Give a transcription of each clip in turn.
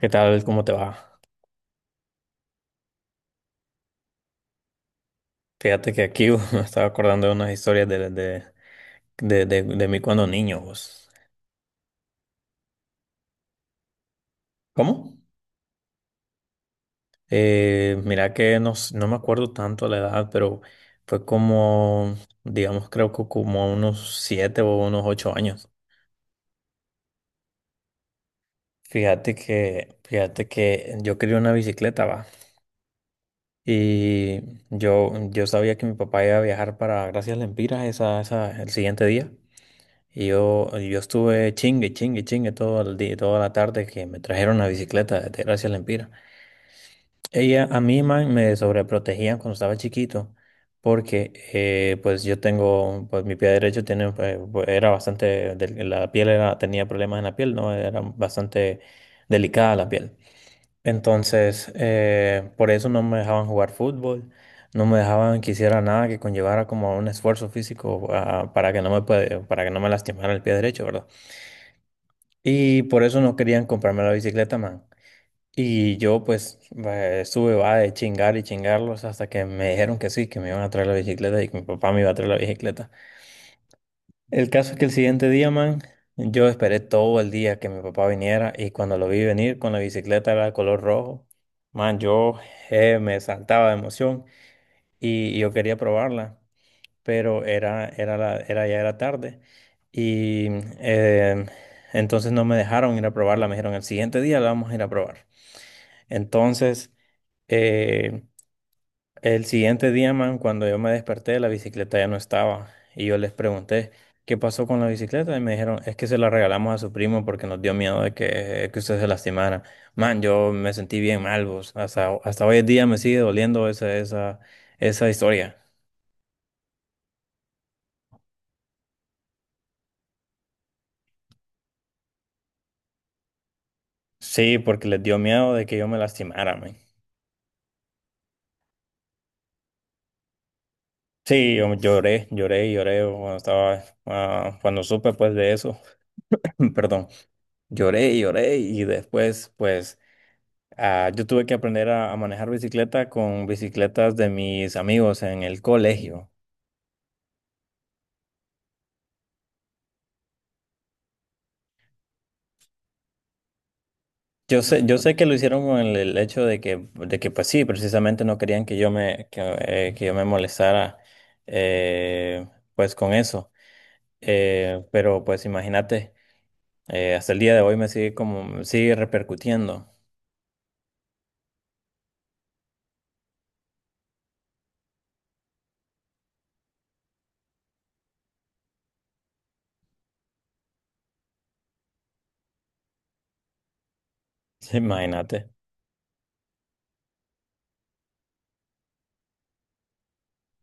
¿Qué tal? ¿Cómo te va? Fíjate que aquí me estaba acordando de unas historias de mí cuando niño, vos. ¿Cómo? Mira que no, no me acuerdo tanto la edad, pero fue como, digamos, creo que como unos 7 o unos 8 años. Fíjate que yo quería una bicicleta, va. Y yo sabía que mi papá iba a viajar para Gracias Lempiras el siguiente día. Y yo estuve chingue, chingue, chingue todo el día, toda la tarde que me trajeron la bicicleta de Gracia Lempira. Ella, a mí, man, me sobreprotegían cuando estaba chiquito, porque pues yo tengo, pues mi pie derecho tiene, pues, era bastante, la piel era, tenía problemas en la piel, ¿no? Era bastante delicada la piel. Entonces, por eso no me dejaban jugar fútbol, no me dejaban que hiciera nada que conllevara como un esfuerzo físico ah, para que no me, puede- para que no me lastimara el pie derecho, ¿verdad? Y por eso no querían comprarme la bicicleta, man. Y yo pues estuve va de chingar y chingarlos hasta que me dijeron que sí, que me iban a traer la bicicleta y que mi papá me iba a traer la bicicleta. El caso es que el siguiente día, man, yo esperé todo el día que mi papá viniera y cuando lo vi venir con la bicicleta era de color rojo, man, yo me saltaba de emoción y yo quería probarla, pero era, era, la- era ya era tarde. Y eh, entonces no me dejaron ir a probarla, me dijeron, el siguiente día la vamos a ir a probar. Entonces, eh, el siguiente día, man, cuando yo me desperté, la bicicleta ya no estaba. Y yo les pregunté, ¿qué pasó con la bicicleta? Y me dijeron, es que se la regalamos a su primo porque nos dio miedo de que usted se lastimara. Man, yo me sentí bien mal, vos. Hasta hoy en día me sigue doliendo esa historia. Sí, porque les dio miedo de que yo me lastimara, man. Sí, yo lloré, lloré, y lloré cuando supe pues de eso, perdón, lloré, y lloré y después pues yo tuve que aprender a manejar bicicleta con bicicletas de mis amigos en el colegio. Yo sé que lo hicieron con el hecho de que pues sí, precisamente no querían que yo me molestara eh, pues con eso. Pero pues imagínate. Hasta el día de hoy me sigue como, sigue repercutiendo. Imagínate.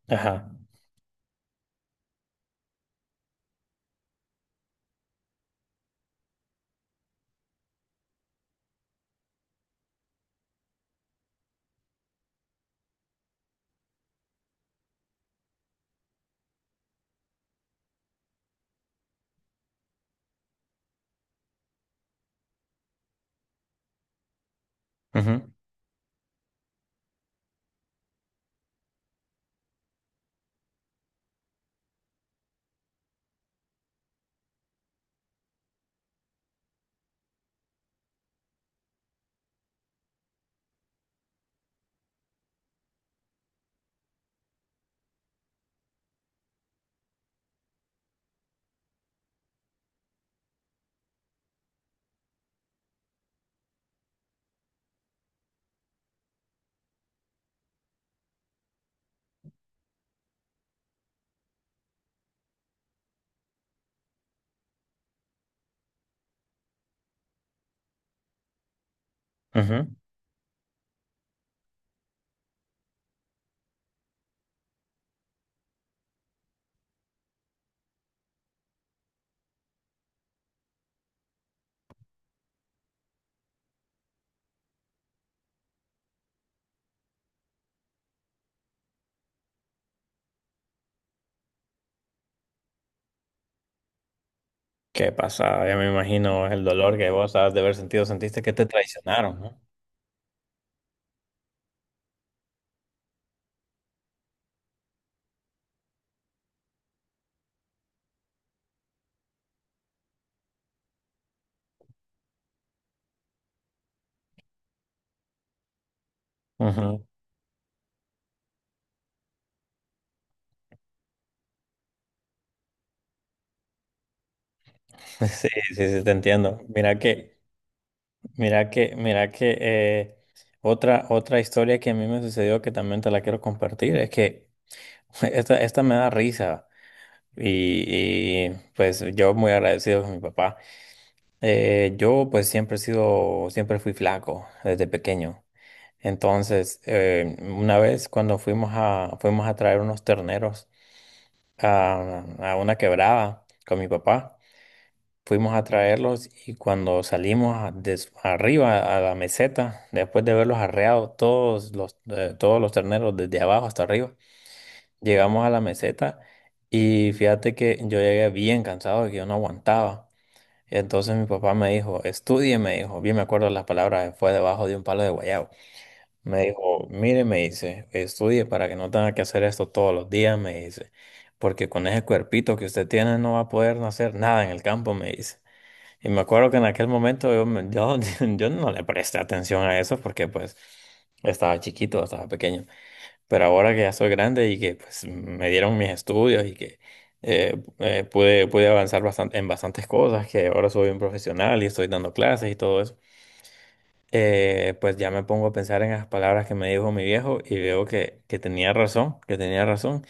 Ajá. Ujú, ujú. ¿Qué pasa? Ya me imagino el dolor que vos has de haber sentido, sentiste que te traicionaron, ¿no? Ujú. Sí, sí, sí, te entiendo. Mira que otra historia que a mí me sucedió que también te la quiero compartir es que esta me da risa y, y, pues yo muy agradecido con mi papá. Yo pues siempre he sido, siempre fui flaco desde pequeño. Entonces, una vez cuando fuimos a traer unos terneros a una quebrada con mi papá, fuimos a traerlos y cuando salimos arriba a la meseta, después de verlos arreado todos los terneros desde abajo hasta arriba, llegamos a la meseta y fíjate que yo llegué bien cansado, que yo no aguantaba. Entonces mi papá me dijo, estudie, me dijo, bien me acuerdo las palabras, fue debajo de un palo de guayabo. Me dijo, mire, me dice, estudie para que no tenga que hacer esto todos los días, me dice, porque con ese cuerpito que usted tiene no va a poder hacer nada en el campo, me dice. Y me acuerdo que en aquel momento yo no le presté atención a eso porque pues estaba chiquito, estaba pequeño. Pero ahora que ya soy grande y que pues me dieron mis estudios y que pude avanzar en bastantes cosas, que ahora soy un profesional y estoy dando clases y todo eso, pues ya me pongo a pensar en las palabras que me dijo mi viejo y veo que tenía razón, que tenía razón.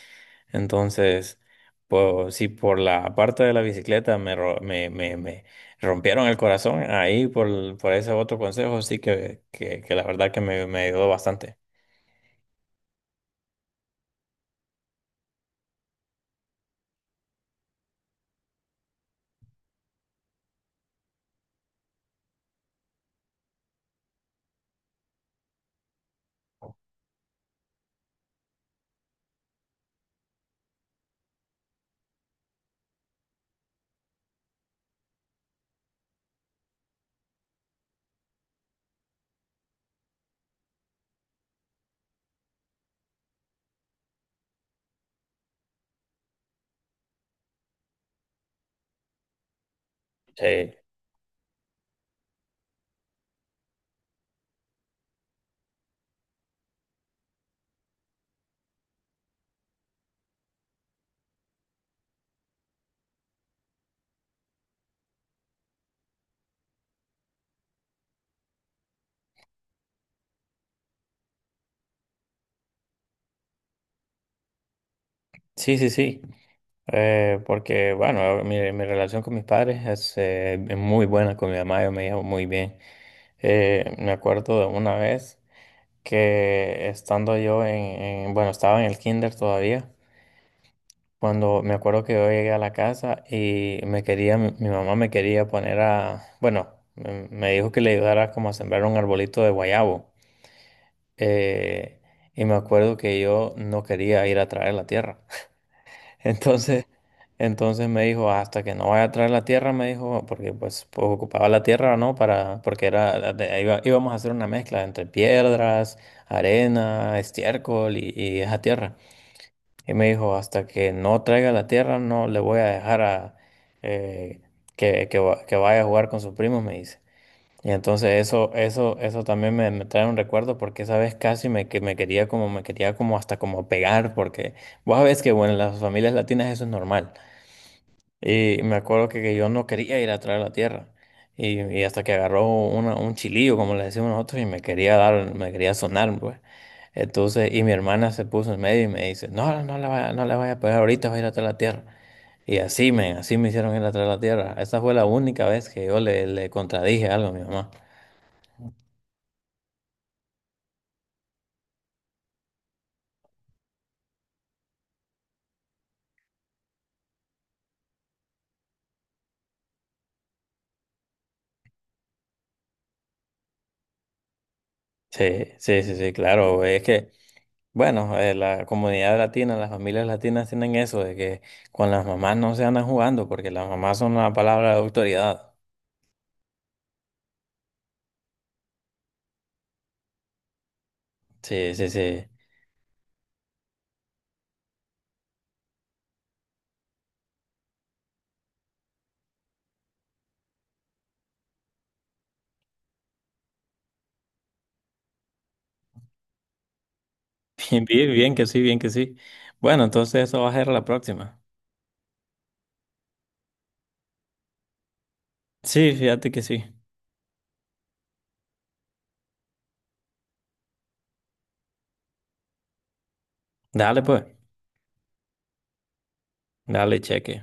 Entonces, pues si por la parte de la bicicleta me, ro- me rompieron el corazón, ahí por ese otro consejo sí que la verdad que me ayudó bastante. Sí, sí, sí, sí. Porque, bueno, mi relación con mis padres es muy buena, con mi mamá yo me llevo muy bien. Me acuerdo de una vez que estando yo en- bueno, estaba en el kinder todavía, cuando me acuerdo que yo llegué a la casa y mi mamá me quería poner me dijo que le ayudara como a sembrar un arbolito de guayabo. Eh, y me acuerdo que yo no quería ir a traer la tierra. Entonces. Entonces me dijo, hasta que no vaya a traer la tierra, me dijo, porque pues, ocupaba la tierra, ¿no? Para, porque era, de- iba- íbamos a hacer una mezcla entre piedras, arena, estiércol y esa tierra. Y me dijo, hasta que no traiga la tierra, no le voy a dejar a, eh, que, va- que vaya a jugar con sus primos, me dice. Y entonces eso también me trae un recuerdo porque esa vez casi me, que me quería como hasta como pegar, porque vos sabés que bueno, en las familias latinas eso es normal. Y me acuerdo que yo no quería ir atrás de la tierra. Y hasta que agarró un chilillo, como le decimos nosotros, y me quería dar, me quería sonar, pues. Entonces, y mi hermana se puso en medio y me dice, no, no le vaya, no le vaya a pegar, ahorita va a ir atrás de la tierra. Y así me hicieron ir atrás de la tierra. Esa fue la única vez que yo le contradije algo a mi mamá. Sí, sí, sí, sí, claro, güey. Es que, bueno, la comunidad latina, las familias latinas tienen eso de que con las mamás no se andan jugando porque las mamás son la palabra de autoridad. Sí, sí, sí. Bien, bien, bien que sí, bien que sí. Bueno, entonces eso va a ser la próxima. Sí, fíjate que sí. Dale pues, dale cheque.